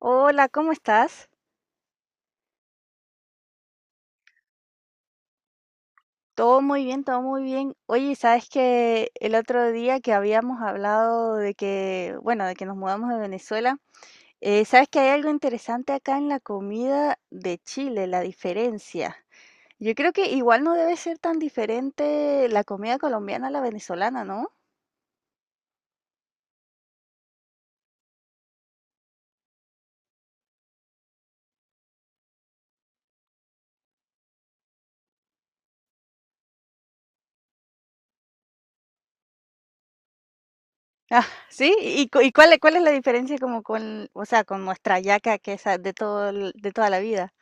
Hola, ¿cómo estás? Todo muy bien, todo muy bien. Oye, ¿sabes que el otro día que habíamos hablado de que, bueno, de que nos mudamos de Venezuela, ¿sabes que hay algo interesante acá en la comida de Chile, la diferencia? Yo creo que igual no debe ser tan diferente la comida colombiana a la venezolana, ¿no? Ah, sí, ¿y, y cuál, cuál es la diferencia como con, o sea, con nuestra yaca que es de todo, de toda la vida?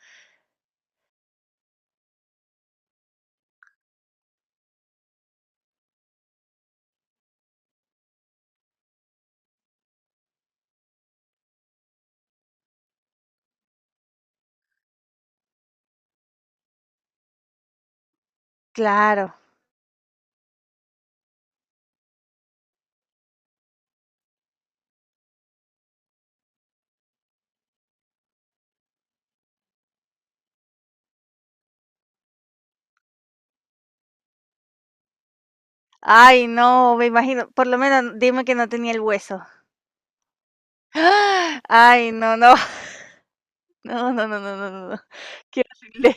Claro. Ay, no, me imagino. Por lo menos dime que no tenía el hueso. ¡Ah! Ay, no, no. No, no, no, no, no, no, no. Qué horrible.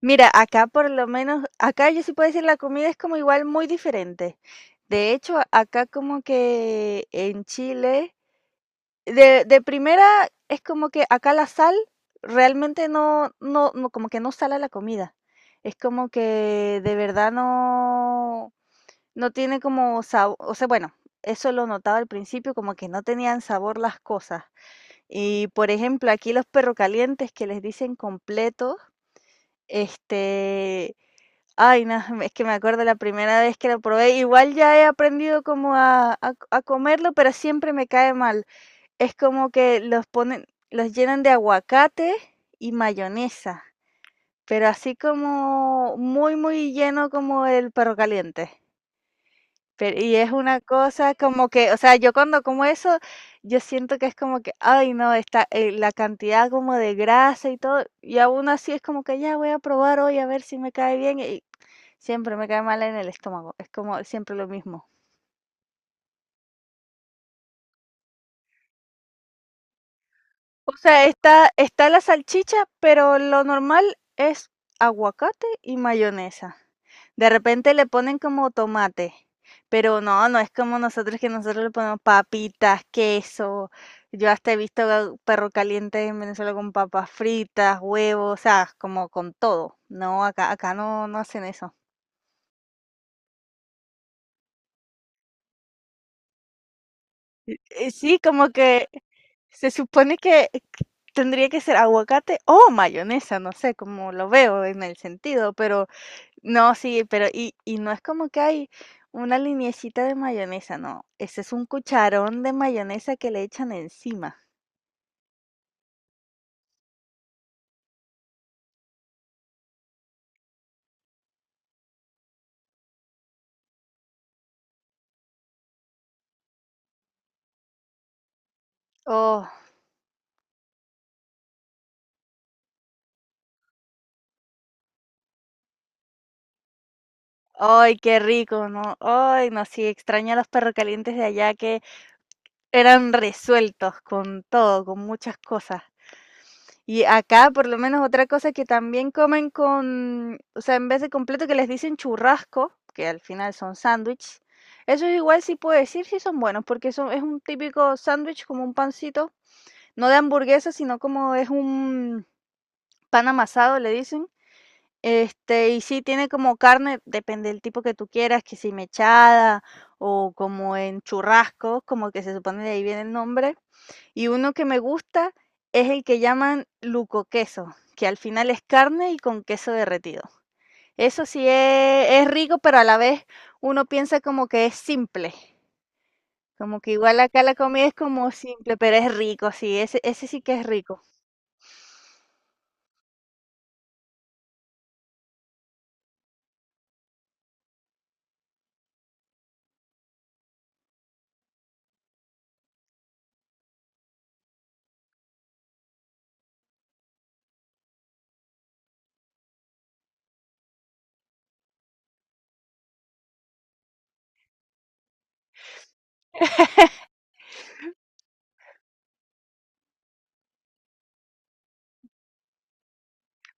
Mira, acá por lo menos, acá yo sí puedo decir la comida es como igual muy diferente. De hecho, acá como que en Chile, de primera es como que acá la sal realmente no, no, no, como que no sala la comida. Es como que de verdad no. No tiene como sabor, o sea, bueno, eso lo notaba al principio, como que no tenían sabor las cosas. Y, por ejemplo, aquí los perro calientes que les dicen completos, este, ay, no, es que me acuerdo la primera vez que lo probé, igual ya he aprendido como a comerlo, pero siempre me cae mal. Es como que los ponen, los llenan de aguacate y mayonesa, pero así como muy, muy lleno como el perro caliente. Pero y es una cosa como que, o sea, yo cuando como eso, yo siento que es como que, ay, no, está la cantidad como de grasa y todo, y aún así es como que ya voy a probar hoy a ver si me cae bien y siempre me cae mal en el estómago, es como siempre lo mismo. O sea, está, está la salchicha, pero lo normal es aguacate y mayonesa. De repente le ponen como tomate, pero no, no es como nosotros, que nosotros le ponemos papitas, queso. Yo hasta he visto perro caliente en Venezuela con papas fritas, huevos, o sea, como con todo. No, acá, acá no, no hacen eso. Sí, como que se supone que tendría que ser aguacate o mayonesa, no sé cómo lo veo en el sentido, pero no, sí, pero y no es como que hay una liniecita de mayonesa, no, ese es un cucharón de mayonesa que le echan encima. Oh, ay, qué rico, ¿no? Ay, no, sí, extraño a los perrocalientes de allá que eran resueltos con todo, con muchas cosas. Y acá, por lo menos, otra cosa que también comen con, o sea, en vez de completo que les dicen churrasco, que al final son sándwich, eso igual sí puedo decir si son buenos, porque son, es un típico sándwich como un pancito, no de hamburguesa, sino como es un pan amasado, le dicen. Y sí tiene como carne, depende del tipo que tú quieras, que si mechada o como en churrascos, como que se supone de ahí viene el nombre. Y uno que me gusta es el que llaman luco queso, que al final es carne y con queso derretido. Eso sí es rico, pero a la vez uno piensa como que es simple. Como que igual acá la comida es como simple, pero es rico, sí, ese sí que es rico.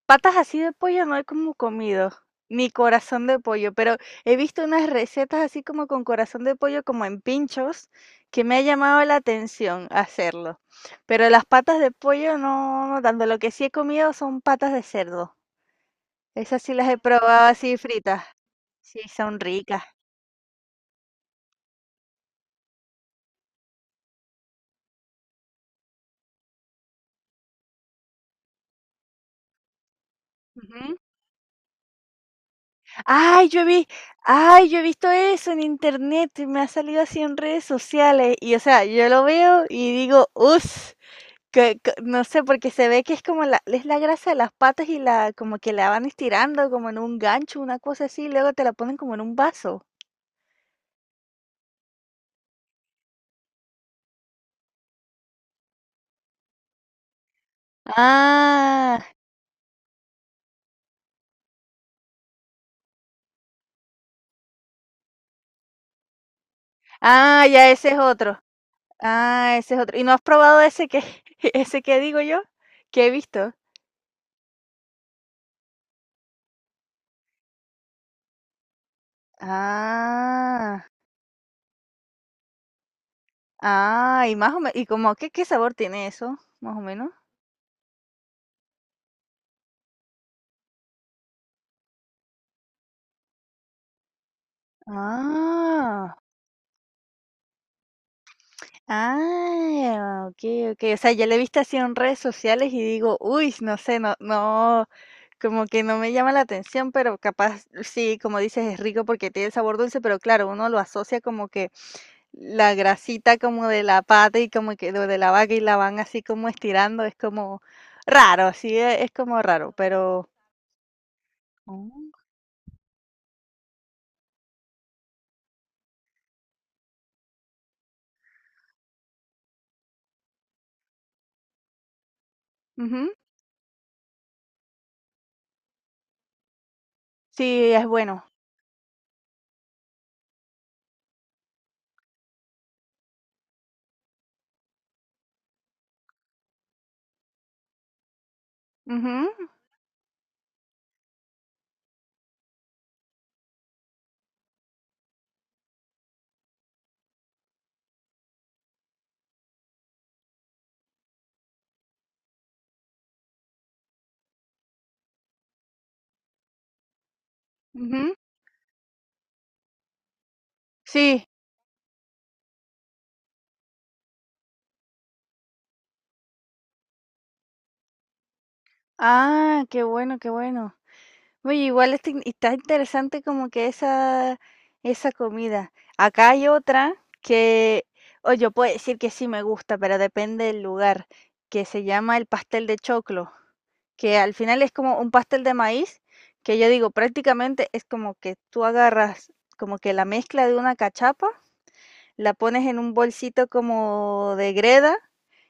Patas así de pollo no he como comido, ni corazón de pollo, pero he visto unas recetas así como con corazón de pollo, como en pinchos, que me ha llamado la atención hacerlo. Pero las patas de pollo no, no tanto. Lo que sí he comido son patas de cerdo. Esas sí las he probado así fritas. Sí, son ricas. Ujú. Ay, yo vi, ay, yo he visto eso en internet, y me ha salido así en redes sociales y, o sea, yo lo veo y digo: "Us, que no sé", porque se ve que es como la, es la grasa de las patas y la, como que la van estirando como en un gancho, una cosa así, y luego te la ponen como en un vaso. Ah, ah, ya ese es otro. Ah, ese es otro. ¿Y no has probado ese que ese que digo yo? Que he visto. Ah, ah, y más o menos, ¿y como qué qué sabor tiene eso? Más o menos. Ah, ah, okey, okey. O sea, ya le he visto así en redes sociales y digo: "Uy, no sé, no, no, como que no me llama la atención, pero capaz, sí, como dices, es rico porque tiene el sabor dulce, pero claro, uno lo asocia como que la grasita como de la pata y como que lo de la vaca y la van así como estirando, es como raro, sí, es como raro, pero". Oh. Ujú, sí, es bueno. Ujú, ujú, sí, ah, qué bueno, qué bueno. Oye, igual está está interesante como que esa comida. Acá hay otra que, o yo puedo decir que sí me gusta, pero depende del lugar, que se llama el pastel de choclo, que al final es como un pastel de maíz, que yo digo, prácticamente es como que tú agarras como que la mezcla de una cachapa, la pones en un bolsito como de greda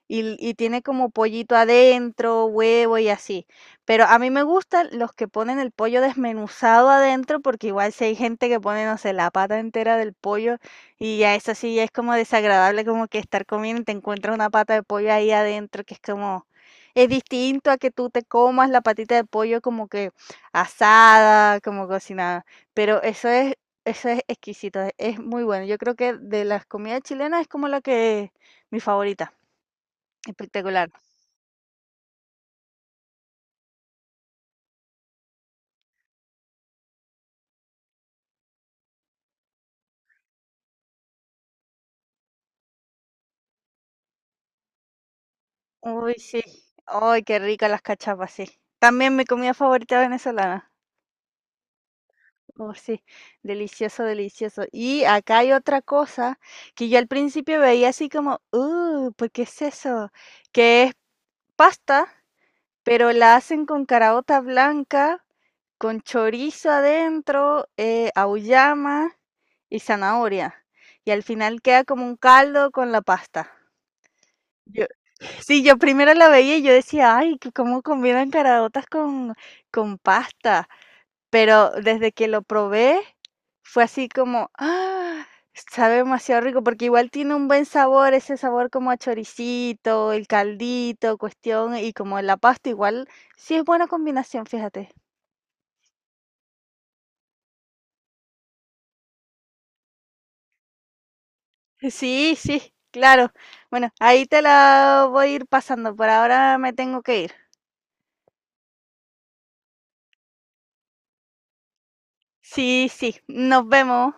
y tiene como pollito adentro, huevo y así. Pero a mí me gustan los que ponen el pollo desmenuzado adentro, porque igual si hay gente que pone, no sé, la pata entera del pollo, y ya eso sí ya es como desagradable, como que estar comiendo y te encuentras una pata de pollo ahí adentro, que es como... Es distinto a que tú te comas la patita de pollo como que asada, como cocinada. Pero eso es, eso es exquisito, es muy bueno. Yo creo que de las comidas chilenas es como la que, mi favorita, espectacular. Uy, sí. Ay, qué rica las cachapas, sí. También mi comida favorita venezolana. Oh, sí, delicioso, delicioso. Y acá hay otra cosa que yo al principio veía así como, ¿por qué es eso? Que es pasta, pero la hacen con caraota blanca, con chorizo adentro, auyama y zanahoria. Y al final queda como un caldo con la pasta. Yo, sí, yo primero la veía y yo decía, ay, que cómo combinan caraotas con pasta. Pero desde que lo probé, fue así como, ah, sabe demasiado rico, porque igual tiene un buen sabor, ese sabor como a choricito, el caldito, cuestión, y como la pasta, igual sí es buena combinación, fíjate. Sí, sí, claro. Bueno, ahí te la voy a ir pasando. Por ahora me tengo que ir. Sí, sí. Nos vemos.